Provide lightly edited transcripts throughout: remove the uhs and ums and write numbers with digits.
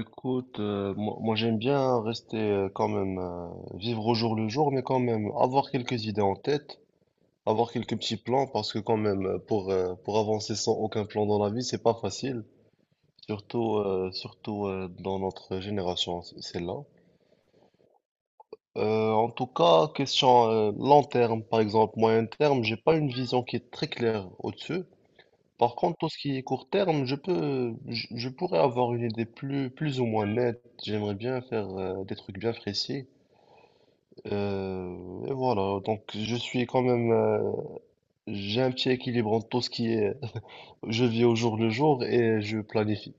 Écoute, moi, j'aime bien rester quand même, vivre au jour le jour, mais quand même avoir quelques idées en tête, avoir quelques petits plans, parce que quand même, pour avancer sans aucun plan dans la vie, c'est pas facile, surtout, dans notre génération, celle-là. En tout cas, question long terme, par exemple, moyen terme, j'ai pas une vision qui est très claire au-dessus. Par contre, tout ce qui est court terme, je pourrais avoir une idée plus ou moins nette. J'aimerais bien faire des trucs bien précis. Et voilà, donc je suis quand même, j'ai un petit équilibre entre tout ce qui est, je vis au jour le jour et je planifie.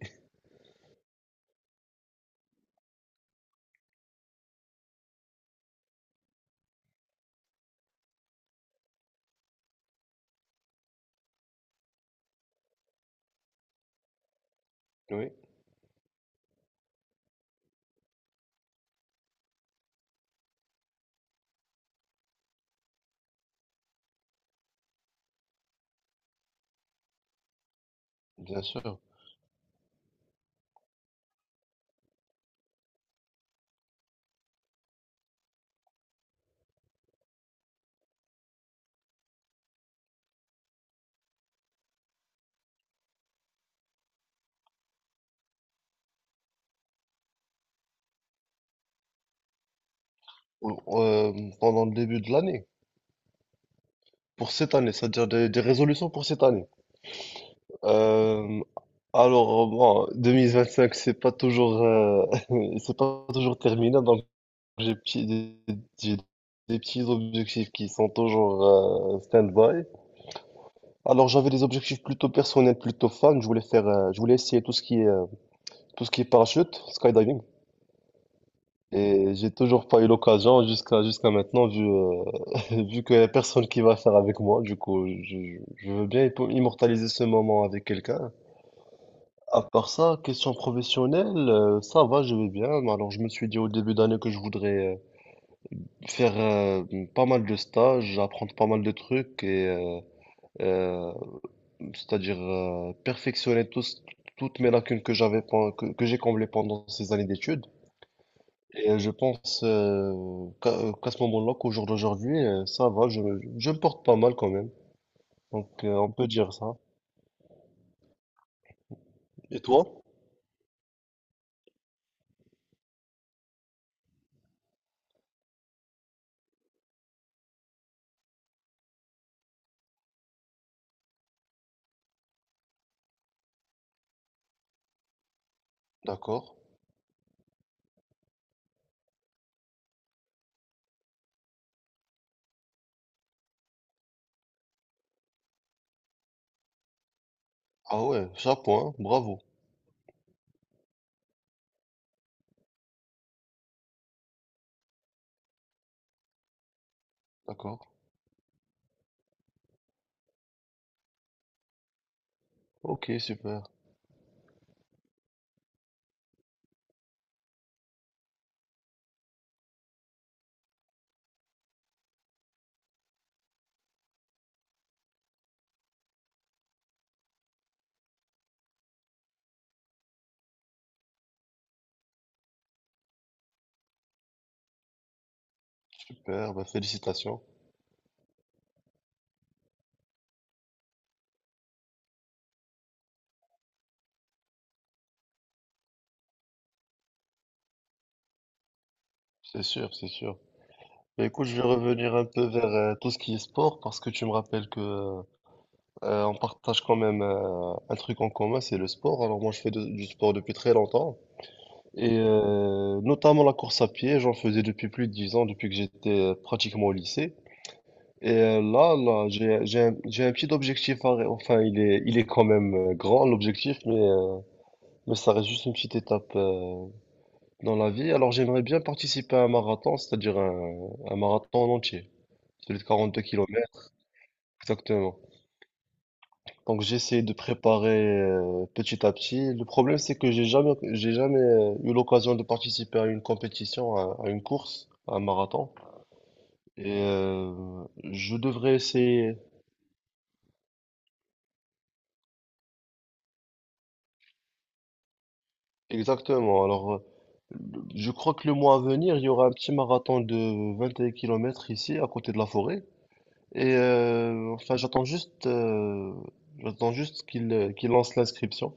Oui, bien sûr. Ou- euh, Pendant le début de l'année, pour cette année, c'est-à-dire des résolutions pour cette année. Euh, alors, bon, 2025, c'est pas toujours, c'est pas toujours terminé, donc j'ai des petits objectifs qui sont toujours stand-by. Alors j'avais des objectifs plutôt personnels, plutôt fun. Je voulais essayer tout ce qui est, tout ce qui est parachute, skydiving. Et j'ai toujours pas eu l'occasion jusqu'à maintenant, vu, vu qu'il y a personne qui va faire avec moi. Du coup, je veux bien immortaliser ce moment avec quelqu'un. À part ça, question professionnelle, ça va, je vais bien. Alors je me suis dit au début d'année que je voudrais faire pas mal de stages, apprendre pas mal de trucs et euh, c'est-à-dire toutes mes lacunes que que j'ai comblées pendant ces années d'études. Et je pense qu'à ce moment-là, qu'au jour d'aujourd'hui, ça va, je me porte pas mal quand même. Donc on peut dire ça. Et toi? D'accord. Ah ouais, chapeau, hein, bravo. D'accord. Ok, super, super, bah, félicitations. C'est sûr, c'est sûr. Bah, écoute, je vais revenir un peu vers tout ce qui est sport parce que tu me rappelles que on partage quand même un truc en commun, c'est le sport. Alors moi, du sport depuis très longtemps et notamment la course à pied. J'en faisais depuis plus de 10 ans, depuis que j'étais pratiquement au lycée. Et j'ai un petit objectif. Enfin, il est quand même grand l'objectif, mais ça reste juste une petite étape dans la vie. Alors j'aimerais bien participer à un marathon, c'est-à-dire un marathon en entier, celui de 42 kilomètres. Exactement. Donc j'ai essayé de préparer petit à petit. Le problème c'est que j'ai jamais eu l'occasion de participer à une compétition, à une course, à un marathon. Et je devrais essayer. Exactement. Alors je crois que le mois à venir, il y aura un petit marathon de 21 km ici, à côté de la forêt. Enfin, j'attends juste qu'il lance l'inscription.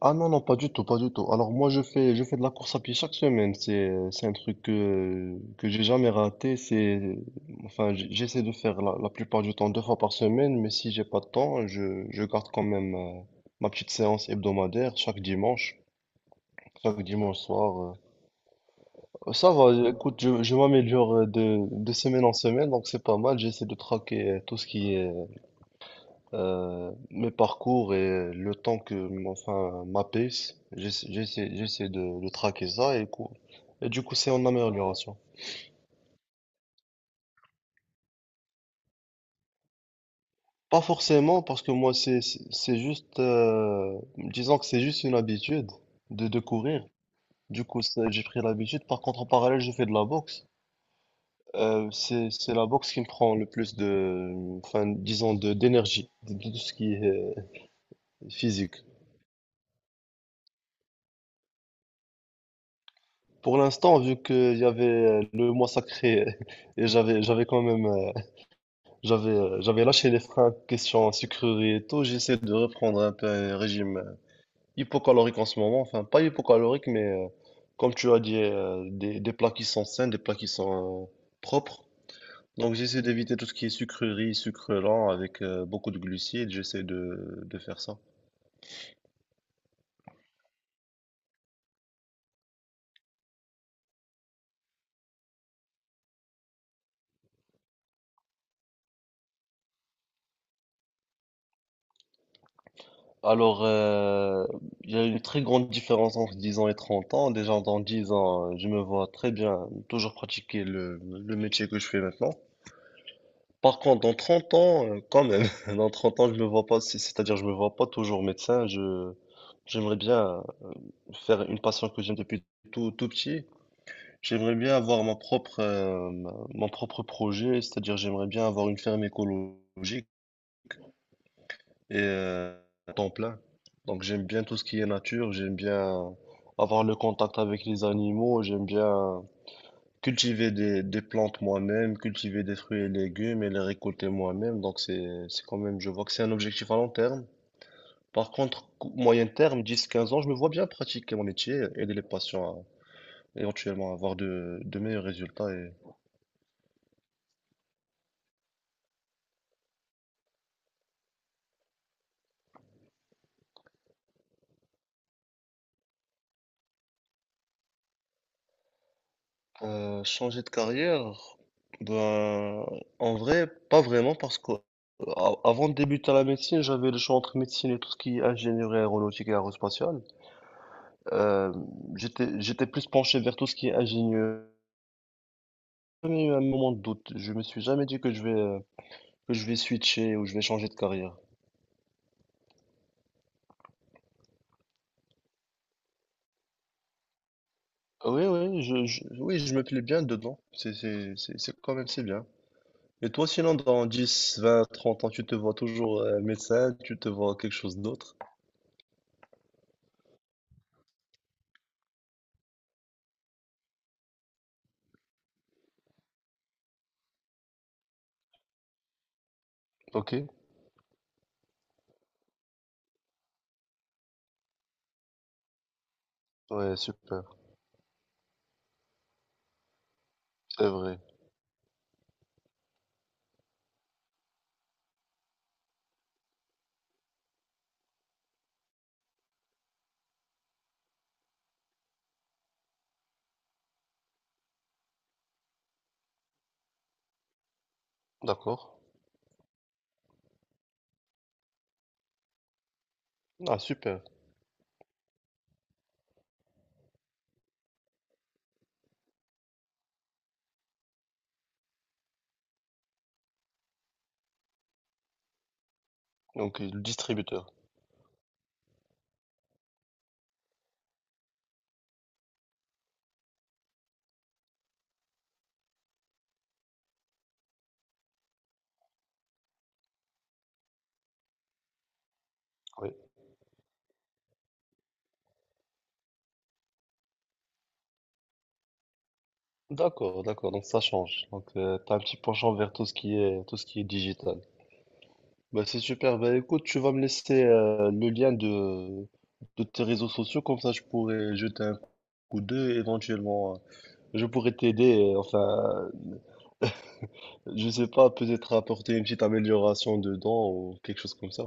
Ah non, non, pas du tout, pas du tout. Alors moi, je fais de la course à pied chaque semaine. C'est, que j'ai jamais raté. C'est, enfin, j'essaie de faire la plupart du temps deux fois par semaine, mais si j'ai pas de temps, je garde quand même ma petite séance hebdomadaire chaque dimanche soir. Ça va, écoute, je m'améliore de semaine en semaine, donc c'est pas mal. J'essaie de traquer tout ce qui est mes parcours et le temps que, enfin, ma pace, j'essaie de traquer ça et du coup, c'est en amélioration. Pas forcément, parce que moi, c'est juste, disons que c'est juste une habitude de courir. Du coup, ça, j'ai pris l'habitude. Par contre, en parallèle, je fais de la boxe. C'est c'est la boxe qui me prend le plus enfin, disons, de d'énergie, de tout ce qui est physique. Pour l'instant, vu qu'il y avait le mois sacré et j'avais quand même j'avais lâché les freins question sucrerie et tout, j'essaie de reprendre un peu un régime hypocalorique en ce moment. Enfin, pas hypocalorique, mais comme tu as dit, des plats qui sont sains, des plats qui sont propres. Donc j'essaie d'éviter tout ce qui est sucrerie, sucre lent avec beaucoup de glucides. J'essaie de faire ça. Alors, il y a une très grande différence entre 10 ans et 30 ans. Déjà, dans 10 ans, je me vois très bien toujours pratiquer le métier que je fais maintenant. Par contre, dans 30 ans, quand même, dans 30 ans, je me vois pas, c'est-à-dire, je me vois pas toujours médecin. J'aimerais bien faire une passion que j'aime depuis tout petit. J'aimerais bien avoir mon propre, mon propre projet, c'est-à-dire, j'aimerais bien avoir une ferme écologique. Et temps plein. Donc j'aime bien tout ce qui est nature, j'aime bien avoir le contact avec les animaux, j'aime bien cultiver des plantes moi-même, cultiver des fruits et légumes et les récolter moi-même. Donc c'est quand même, je vois que c'est un objectif à long terme. Par contre, moyen terme, dix quinze ans, je me vois bien pratiquer mon métier, aider les patients à éventuellement avoir de meilleurs résultats. Changer de carrière, ben, en vrai, pas vraiment, parce que avant de débuter la médecine, j'avais le choix entre médecine et tout ce qui est ingénierie aéronautique et aérospatiale. Euh, J'étais plus penché vers tout ce qui est ingénieur. J'ai jamais eu un moment de doute. Je me suis jamais dit que je vais switcher ou je vais changer de carrière. Oui, oui, oui, je me plais bien dedans. C'est quand même, c'est bien. Et toi, sinon, dans 10 20 30 ans, tu te vois toujours médecin, tu te vois quelque chose d'autre? Ok. Ouais, super, c'est vrai. D'accord. Ah, super. Donc, le distributeur. Oui. D'accord, d'accord. Donc, ça change. Donc, t'as un petit penchant vers tout ce qui est digital. Bah, c'est super. Bah, écoute, tu vas me laisser le lien de tes réseaux sociaux. Comme ça, je pourrais jeter un coup d'œil. Éventuellement, je pourrais t'aider. Enfin, je sais pas, peut-être apporter une petite amélioration dedans ou quelque chose comme ça.